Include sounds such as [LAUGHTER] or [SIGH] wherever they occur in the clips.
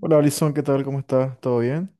Hola Alison, ¿qué tal? ¿Cómo estás? ¿Todo bien?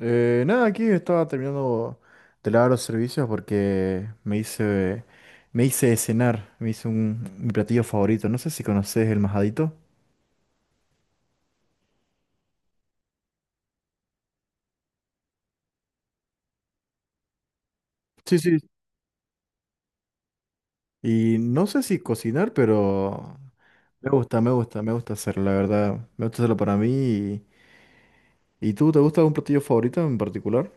Nada, aquí estaba terminando de lavar los servicios porque me hice de cenar, mi platillo favorito. No sé si conoces el majadito. Sí, sí. Y no sé si cocinar, pero me gusta hacerlo, la verdad. Me gusta hacerlo para mí. Y tú, te gusta algún platillo favorito en particular?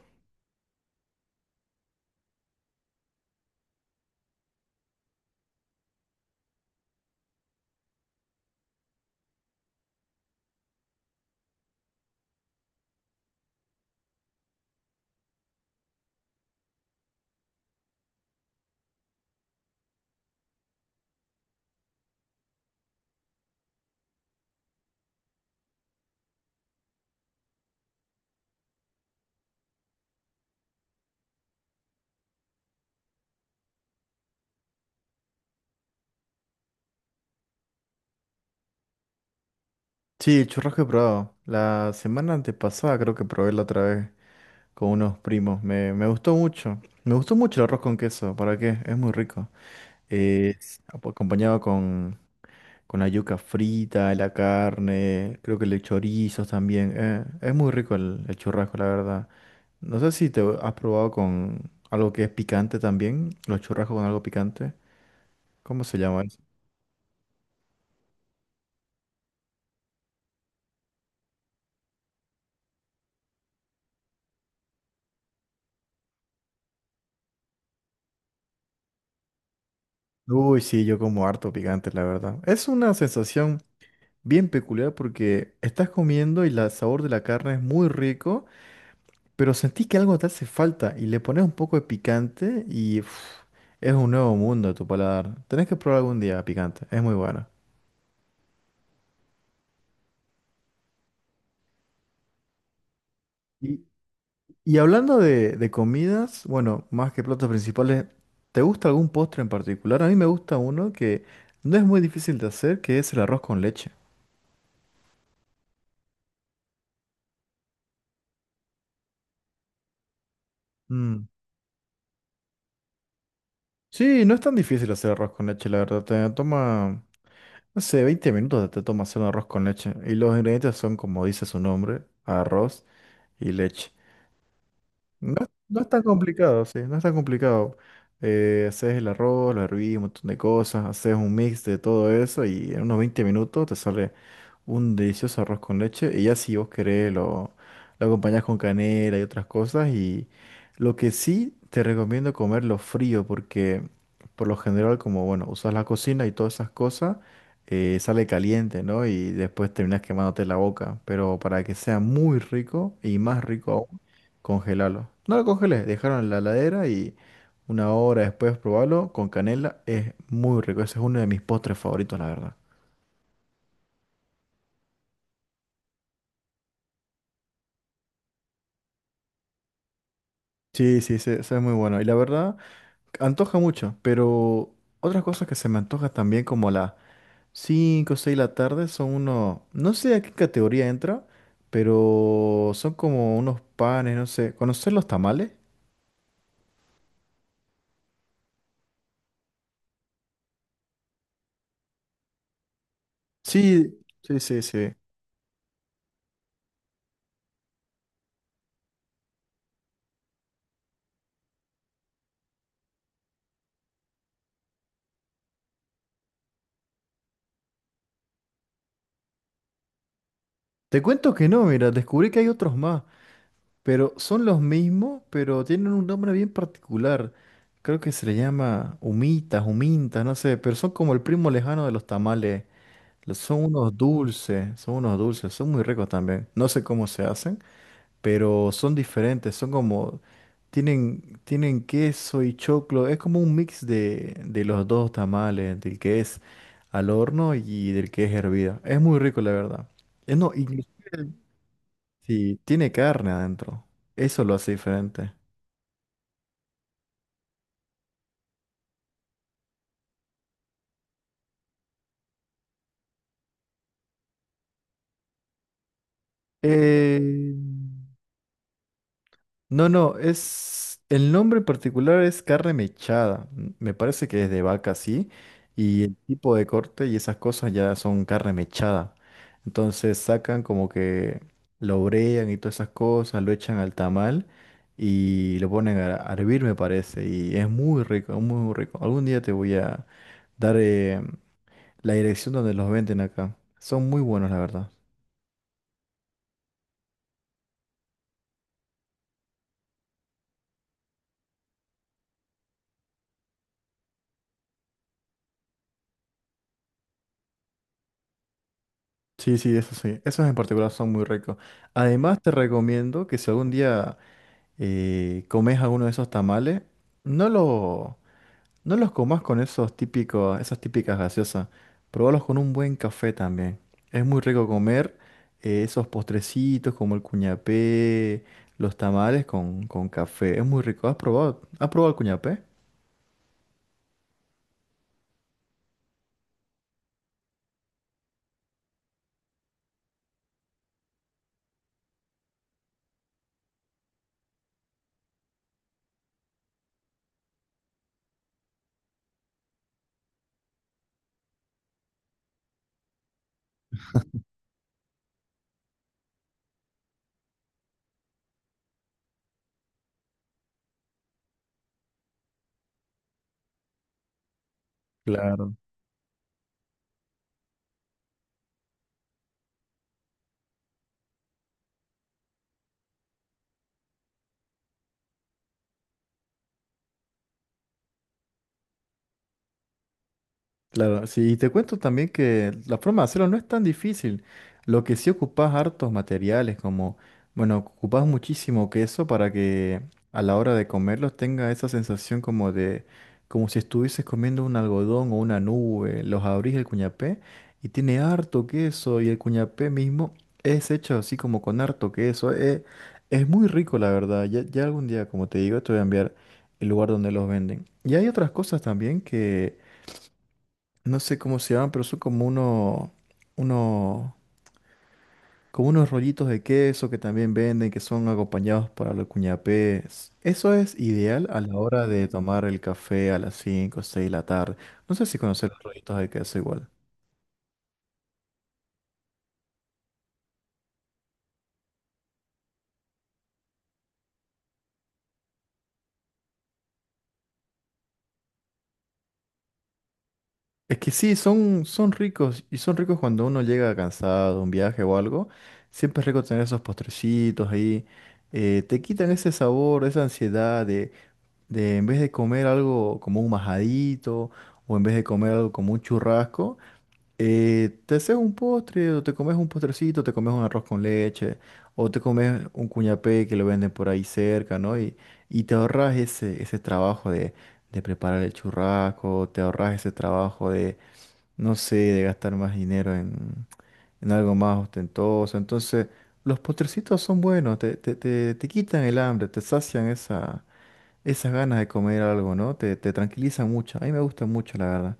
Sí, churrasco he probado. La semana antepasada creo que probé la otra vez con unos primos. Me gustó mucho. Me gustó mucho el arroz con queso. ¿Para qué? Es muy rico. Es acompañado con la yuca frita, la carne, creo que le chorizos también. Es muy rico el churrasco, la verdad. No sé si te has probado con algo que es picante también. Los churrascos con algo picante. ¿Cómo se llama eso? Uy, sí, yo como harto picante, la verdad. Es una sensación bien peculiar porque estás comiendo y el sabor de la carne es muy rico, pero sentís que algo te hace falta y le pones un poco de picante y uf, es un nuevo mundo a tu paladar. Tenés que probar algún día picante, es muy bueno. Y, y hablando de comidas, bueno, más que platos principales, ¿te gusta algún postre en particular? A mí me gusta uno que no es muy difícil de hacer, que es el arroz con leche. Mm. Sí, no es tan difícil hacer arroz con leche, la verdad. Te toma, no sé, 20 minutos te toma hacer un arroz con leche. Y los ingredientes son, como dice su nombre, arroz y leche. No, no es tan complicado, sí, no es tan complicado. Haces el arroz, lo hervís, un montón de cosas, haces un mix de todo eso y en unos 20 minutos te sale un delicioso arroz con leche. Y ya si vos querés lo acompañás con canela y otras cosas. Y lo que sí te recomiendo comerlo frío porque por lo general como, bueno, usas la cocina y todas esas cosas, sale caliente, ¿no? Y después terminas quemándote la boca. Pero para que sea muy rico y más rico aún congelarlo. No lo congelé, dejaron en la heladera y una hora después probarlo con canela. Es muy rico, ese es uno de mis postres favoritos, la verdad. Sí, sí, sí, eso es muy bueno. Y la verdad, antoja mucho, pero otras cosas que se me antoja también como a las 5 o 6 de la tarde son unos, no sé a qué categoría entra, pero son como unos panes, no sé. ¿Conocer los tamales? Sí, sí, sí, sí. Te cuento que no, mira, descubrí que hay otros más. Pero son los mismos, pero tienen un nombre bien particular. Creo que se le llama humitas, humintas, no sé, pero son como el primo lejano de los tamales. Son unos dulces, son unos dulces, son muy ricos también. No sé cómo se hacen, pero son diferentes, son como, tienen queso y choclo, es como un mix de los dos tamales, del que es al horno y del que es hervida. Es muy rico, la verdad. No, inclusive sí, tiene carne adentro. Eso lo hace diferente. Eh, no, es... El nombre en particular es carne mechada. Me parece que es de vaca, sí. Y el tipo de corte y esas cosas ya son carne mechada. Entonces sacan como que lo brean y todas esas cosas, lo echan al tamal y lo ponen a hervir, me parece. Y es muy rico, muy, muy rico. Algún día te voy a dar, la dirección donde los venden acá. Son muy buenos, la verdad. Sí, sí, eso sí. Esos en particular son muy ricos. Además, te recomiendo que si algún día comes alguno de esos tamales, no, lo, no los comas con esos típicos, esas típicas gaseosas. Probalos con un buen café también. Es muy rico comer esos postrecitos como el cuñapé, los tamales con café. Es muy rico. ¿Has probado? ¿Has probado el cuñapé? Claro. Claro, sí, y te cuento también que la forma de hacerlo no es tan difícil. Lo que sí ocupas hartos materiales, como, bueno, ocupas muchísimo queso para que a la hora de comerlos tenga esa sensación como de, como si estuvieses comiendo un algodón o una nube. Los abrís el cuñapé y tiene harto queso y el cuñapé mismo es hecho así como con harto queso. Es muy rico, la verdad. Ya algún día, como te digo, te voy a enviar el lugar donde los venden. Y hay otras cosas también que no sé cómo se llaman, pero son como uno, como unos rollitos de queso que también venden, que son acompañados para los cuñapés. Eso es ideal a la hora de tomar el café a las 5 o 6 de la tarde. No sé si conocer los rollitos de queso igual. Es que sí, son, son ricos y son ricos cuando uno llega cansado de un viaje o algo. Siempre es rico tener esos postrecitos ahí. Eh, te quitan ese sabor, esa ansiedad de en vez de comer algo como un majadito o en vez de comer algo como un churrasco, te haces un postre o te comes un postrecito, te comes un arroz con leche o te comes un cuñapé que lo venden por ahí cerca, ¿no? Y te ahorras ese trabajo de preparar el churrasco, te ahorras ese trabajo de, no sé, de gastar más dinero en algo más ostentoso. Entonces, los postrecitos son buenos, te quitan el hambre, te sacian esas ganas de comer algo, ¿no? Te tranquiliza mucho. A mí me gusta mucho, la verdad.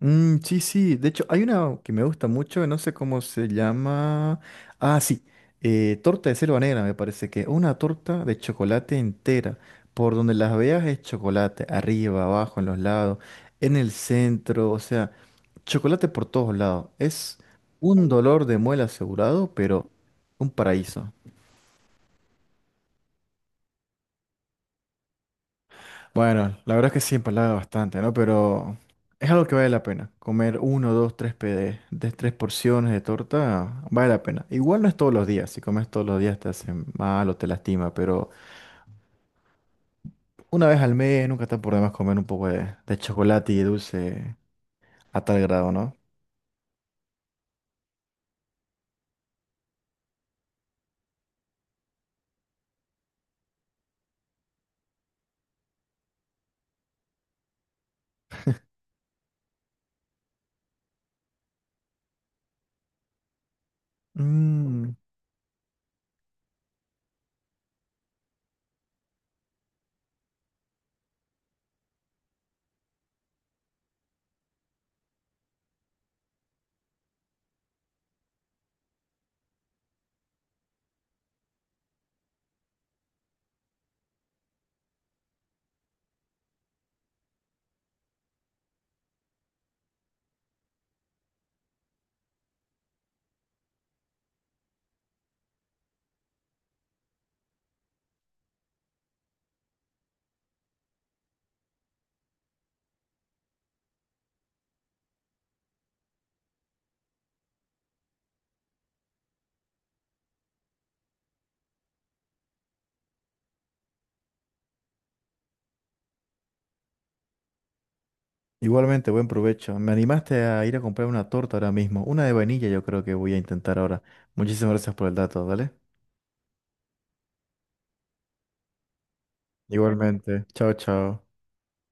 Mm, sí, sí. De hecho, hay una que me gusta mucho, no sé cómo se llama. Ah, sí. Eh, torta de selva negra, me parece que. Una torta de chocolate entera. Por donde las veas es chocolate. Arriba, abajo, en los lados, en el centro. O sea, chocolate por todos lados. Es un dolor de muela asegurado, pero un paraíso. Bueno, la verdad es que sí empalaga bastante, ¿no? Pero es algo que vale la pena. Comer uno, dos, tres de tres porciones de torta vale la pena. Igual no es todos los días. Si comes todos los días te hace mal o te lastima, pero una vez al mes nunca está por demás comer un poco de chocolate y dulce a tal grado, ¿no? [LAUGHS] Mm, igualmente, buen provecho. Me animaste a ir a comprar una torta ahora mismo. Una de vainilla yo creo que voy a intentar ahora. Muchísimas gracias por el dato, ¿vale? Igualmente. Chao, chao.